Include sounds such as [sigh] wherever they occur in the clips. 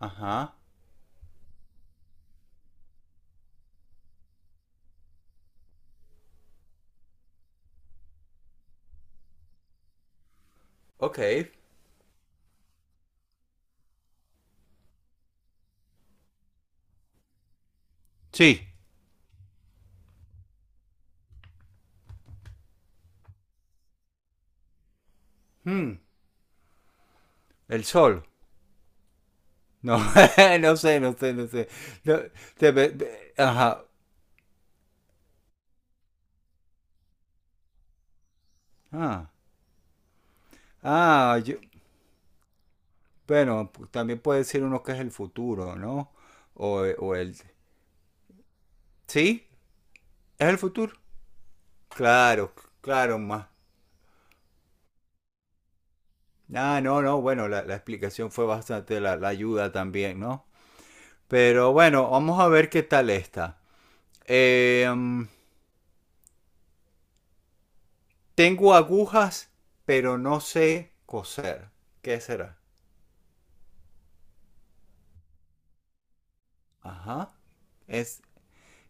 Ajá. Ok. Sí. Hmm. El sol. No, [laughs] no sé. No, ajá. Ah, ah, yo- bueno, también puede decir uno que es el futuro, ¿no? O, o el... ¿Sí? ¿Es el futuro? Claro, claro, más. Ah, no, no, bueno, la explicación fue bastante, la ayuda también, ¿no? Pero bueno, vamos a ver qué tal está. Eh, mm, Tengo agujas, pero no sé coser. ¿Qué será? Ajá. Es,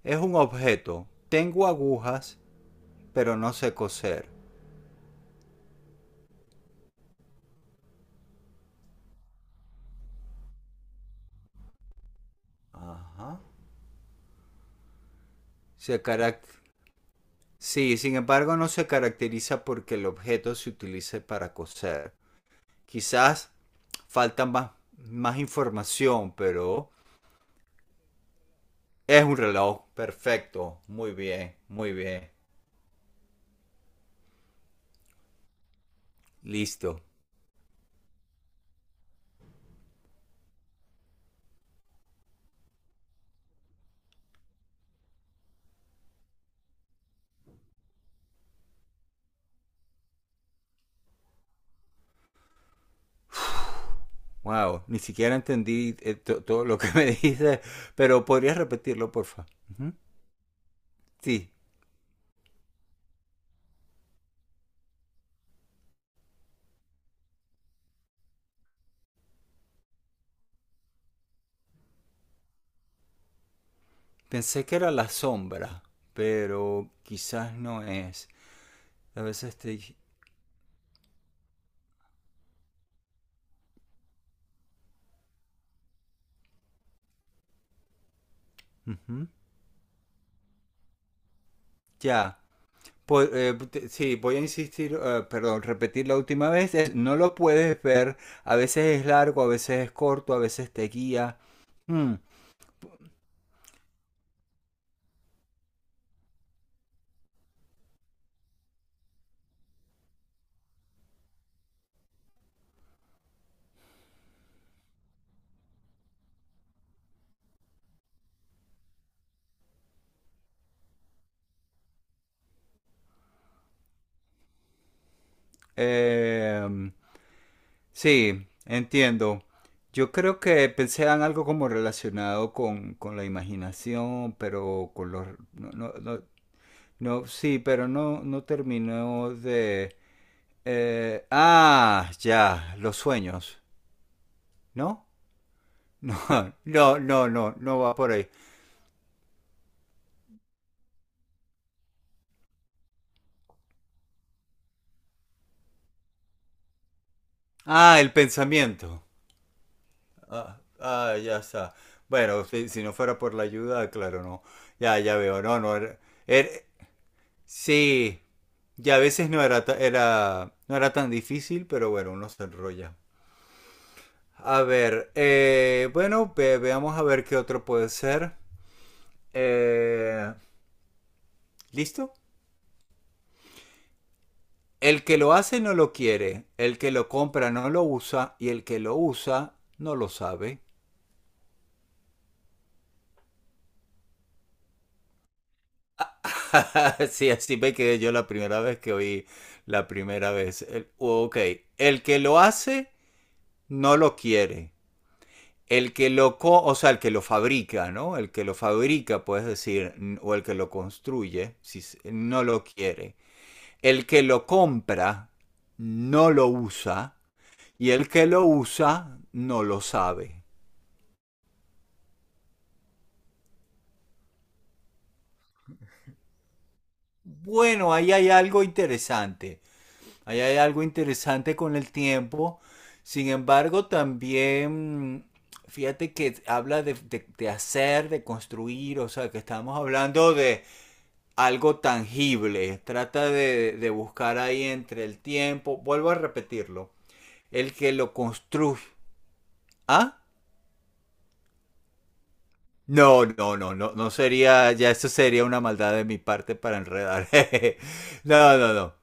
es un objeto. Tengo agujas, pero no sé coser. Ajá. Se carac- Sí, sin embargo, no se caracteriza porque el objeto se utilice para coser. Quizás falta más, más información, pero es un reloj. Perfecto. Muy bien, muy bien. Listo. Wow, ni siquiera entendí todo lo que me [laughs] dijiste, pero podrías repetirlo, porfa. Ujú. Sí, pensé que era la sombra, pero quizás no es. A veces te... Ujú. Ya. Sí, voy a insistir, perdón, repetir la última vez. Es, no lo puedes ver. A veces es largo, a veces es corto, a veces te guía. Mm, eh, Sí, entiendo. Yo creo que pensé en algo como relacionado con la imaginación, pero con los... No, no, no, no, sí, pero no, no terminó de... ah, ya, los sueños, ¿no? No, [laughs] no, no, no, no va por ahí. Ah, el pensamiento. Ah, ah, ya está. Bueno, si, si no fuera por la ayuda, claro, no. Ya, ya veo, no, no. Er- Sí, y a veces no era, era, no era tan difícil, pero bueno, uno se enrolla. A ver, bueno, veamos a ver qué otro puede ser. Eh, ¿Listo? El que lo hace no lo quiere, el que lo compra no lo usa y el que lo usa no lo sabe. [laughs] Sí, así me quedé yo la primera vez que oí la primera vez. Ok, el que lo hace no lo quiere, el que lo, o sea, el que lo fabrica, ¿no? El que lo fabrica, puedes decir, o el que lo construye, si no lo quiere. El que lo compra no lo usa y el que lo usa no lo sabe. Bueno, ahí hay algo interesante. Ahí hay algo interesante con el tiempo. Sin embargo, también, fíjate que habla de, de hacer, de construir, o sea, que estamos hablando de, algo tangible. Trata de buscar ahí entre el tiempo. Vuelvo a repetirlo. El que lo construye. ¿Ah? No, no, no, no, no sería, ya eso sería una maldad de mi parte para enredar. [laughs] no, no, no.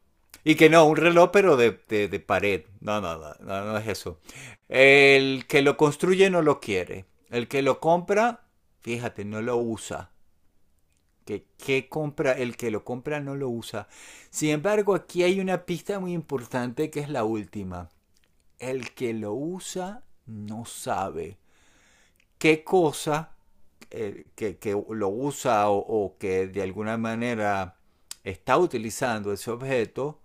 Y que no, un reloj pero de pared. No, no, no, no, no es eso. El que lo construye no lo quiere. El que lo compra, fíjate, no lo usa. Que compra, el que lo compra no lo usa. Sin embargo, aquí hay una pista muy importante que es la última. El que lo usa no sabe qué cosa que, lo usa o, que de alguna manera está utilizando ese objeto,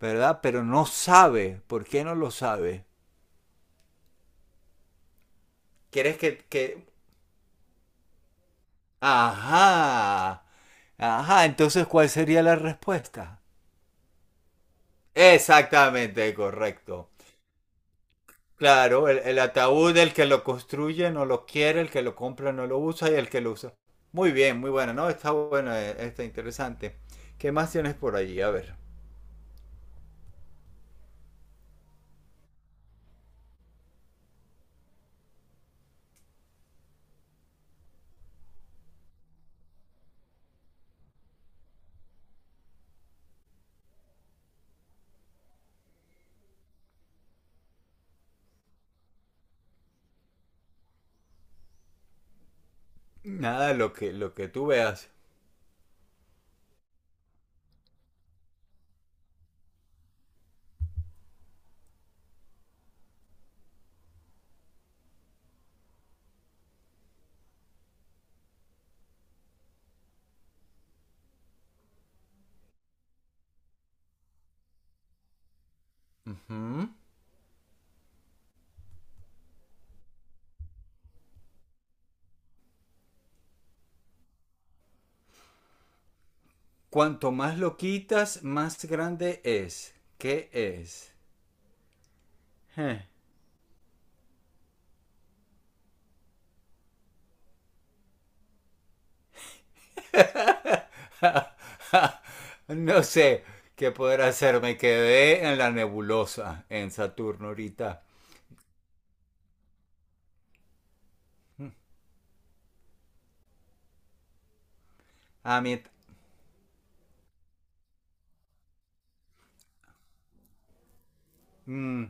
¿verdad? Pero no sabe. ¿Por qué no lo sabe? ¿Quieres que... Ajá. Ajá, entonces ¿cuál sería la respuesta? Exactamente, correcto. Claro, el ataúd, el que lo construye no lo quiere, el que lo compra no lo usa y el que lo usa. Muy bien, muy bueno, ¿no? Está bueno, está interesante. ¿Qué más tienes por allí? A ver. Nada, lo que tú veas. Ujú. Cuanto más lo quitas, más grande es. ¿Qué es? Eh. [laughs] No sé qué poder hacer. Me quedé en la nebulosa en Saturno ahorita. Ah, mient- mm,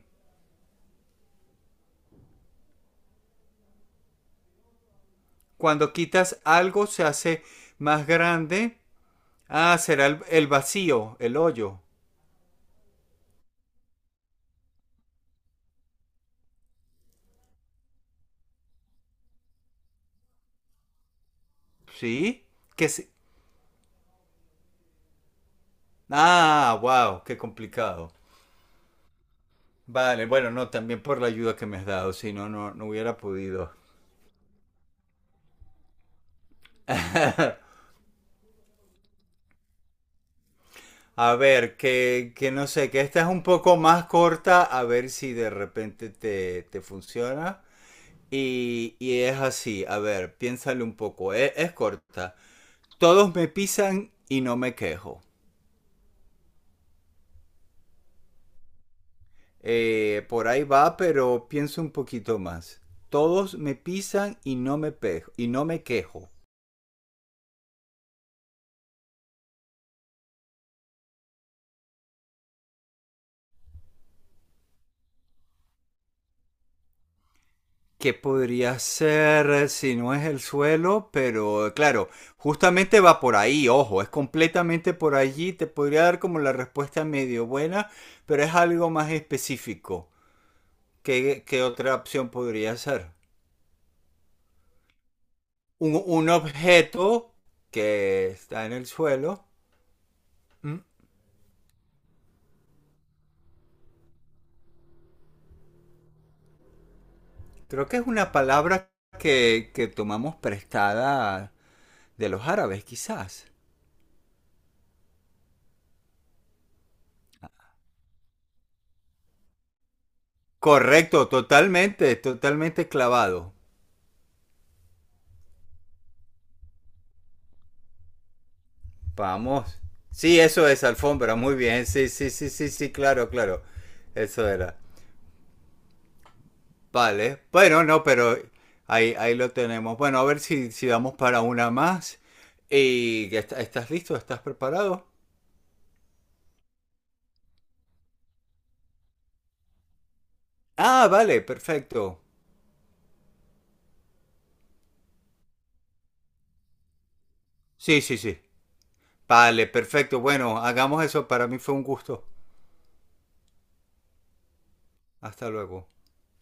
Cuando quitas algo se hace más grande. Ah, será el vacío, el hoyo. ¿Sí? Que se- Ah, wow, qué complicado. Vale, bueno, no, también por la ayuda que me has dado, si no, no, no hubiera podido. [laughs] A ver, que no sé, que esta es un poco más corta, a ver si de repente te, te funciona. Y es así, a ver, piénsale un poco, es, corta. Todos me pisan y no me quejo. Por ahí va, pero pienso un poquito más. Todos me pisan y no me, pejo, y no me quejo. ¿Qué podría ser si no es el suelo? Pero claro, justamente va por ahí, ojo, es completamente por allí. Te podría dar como la respuesta medio buena, pero es algo más específico. ¿Qué, qué otra opción podría ser? Un objeto que está en el suelo. Mm, Creo que es una palabra que tomamos prestada de los árabes, quizás. Correcto, totalmente, totalmente clavado. Vamos. Sí, eso es alfombra, muy bien. Sí, sí, sí, sí, sí, claro, claro. Eso era. Vale. Bueno, no, pero ahí, ahí lo tenemos. Bueno, a ver si, si damos para una más. ¿Y estás listo? ¿Estás preparado? Ah, vale, perfecto. Sí, sí, sí. Vale, perfecto. Bueno, hagamos eso. Para mí fue un gusto. Hasta luego.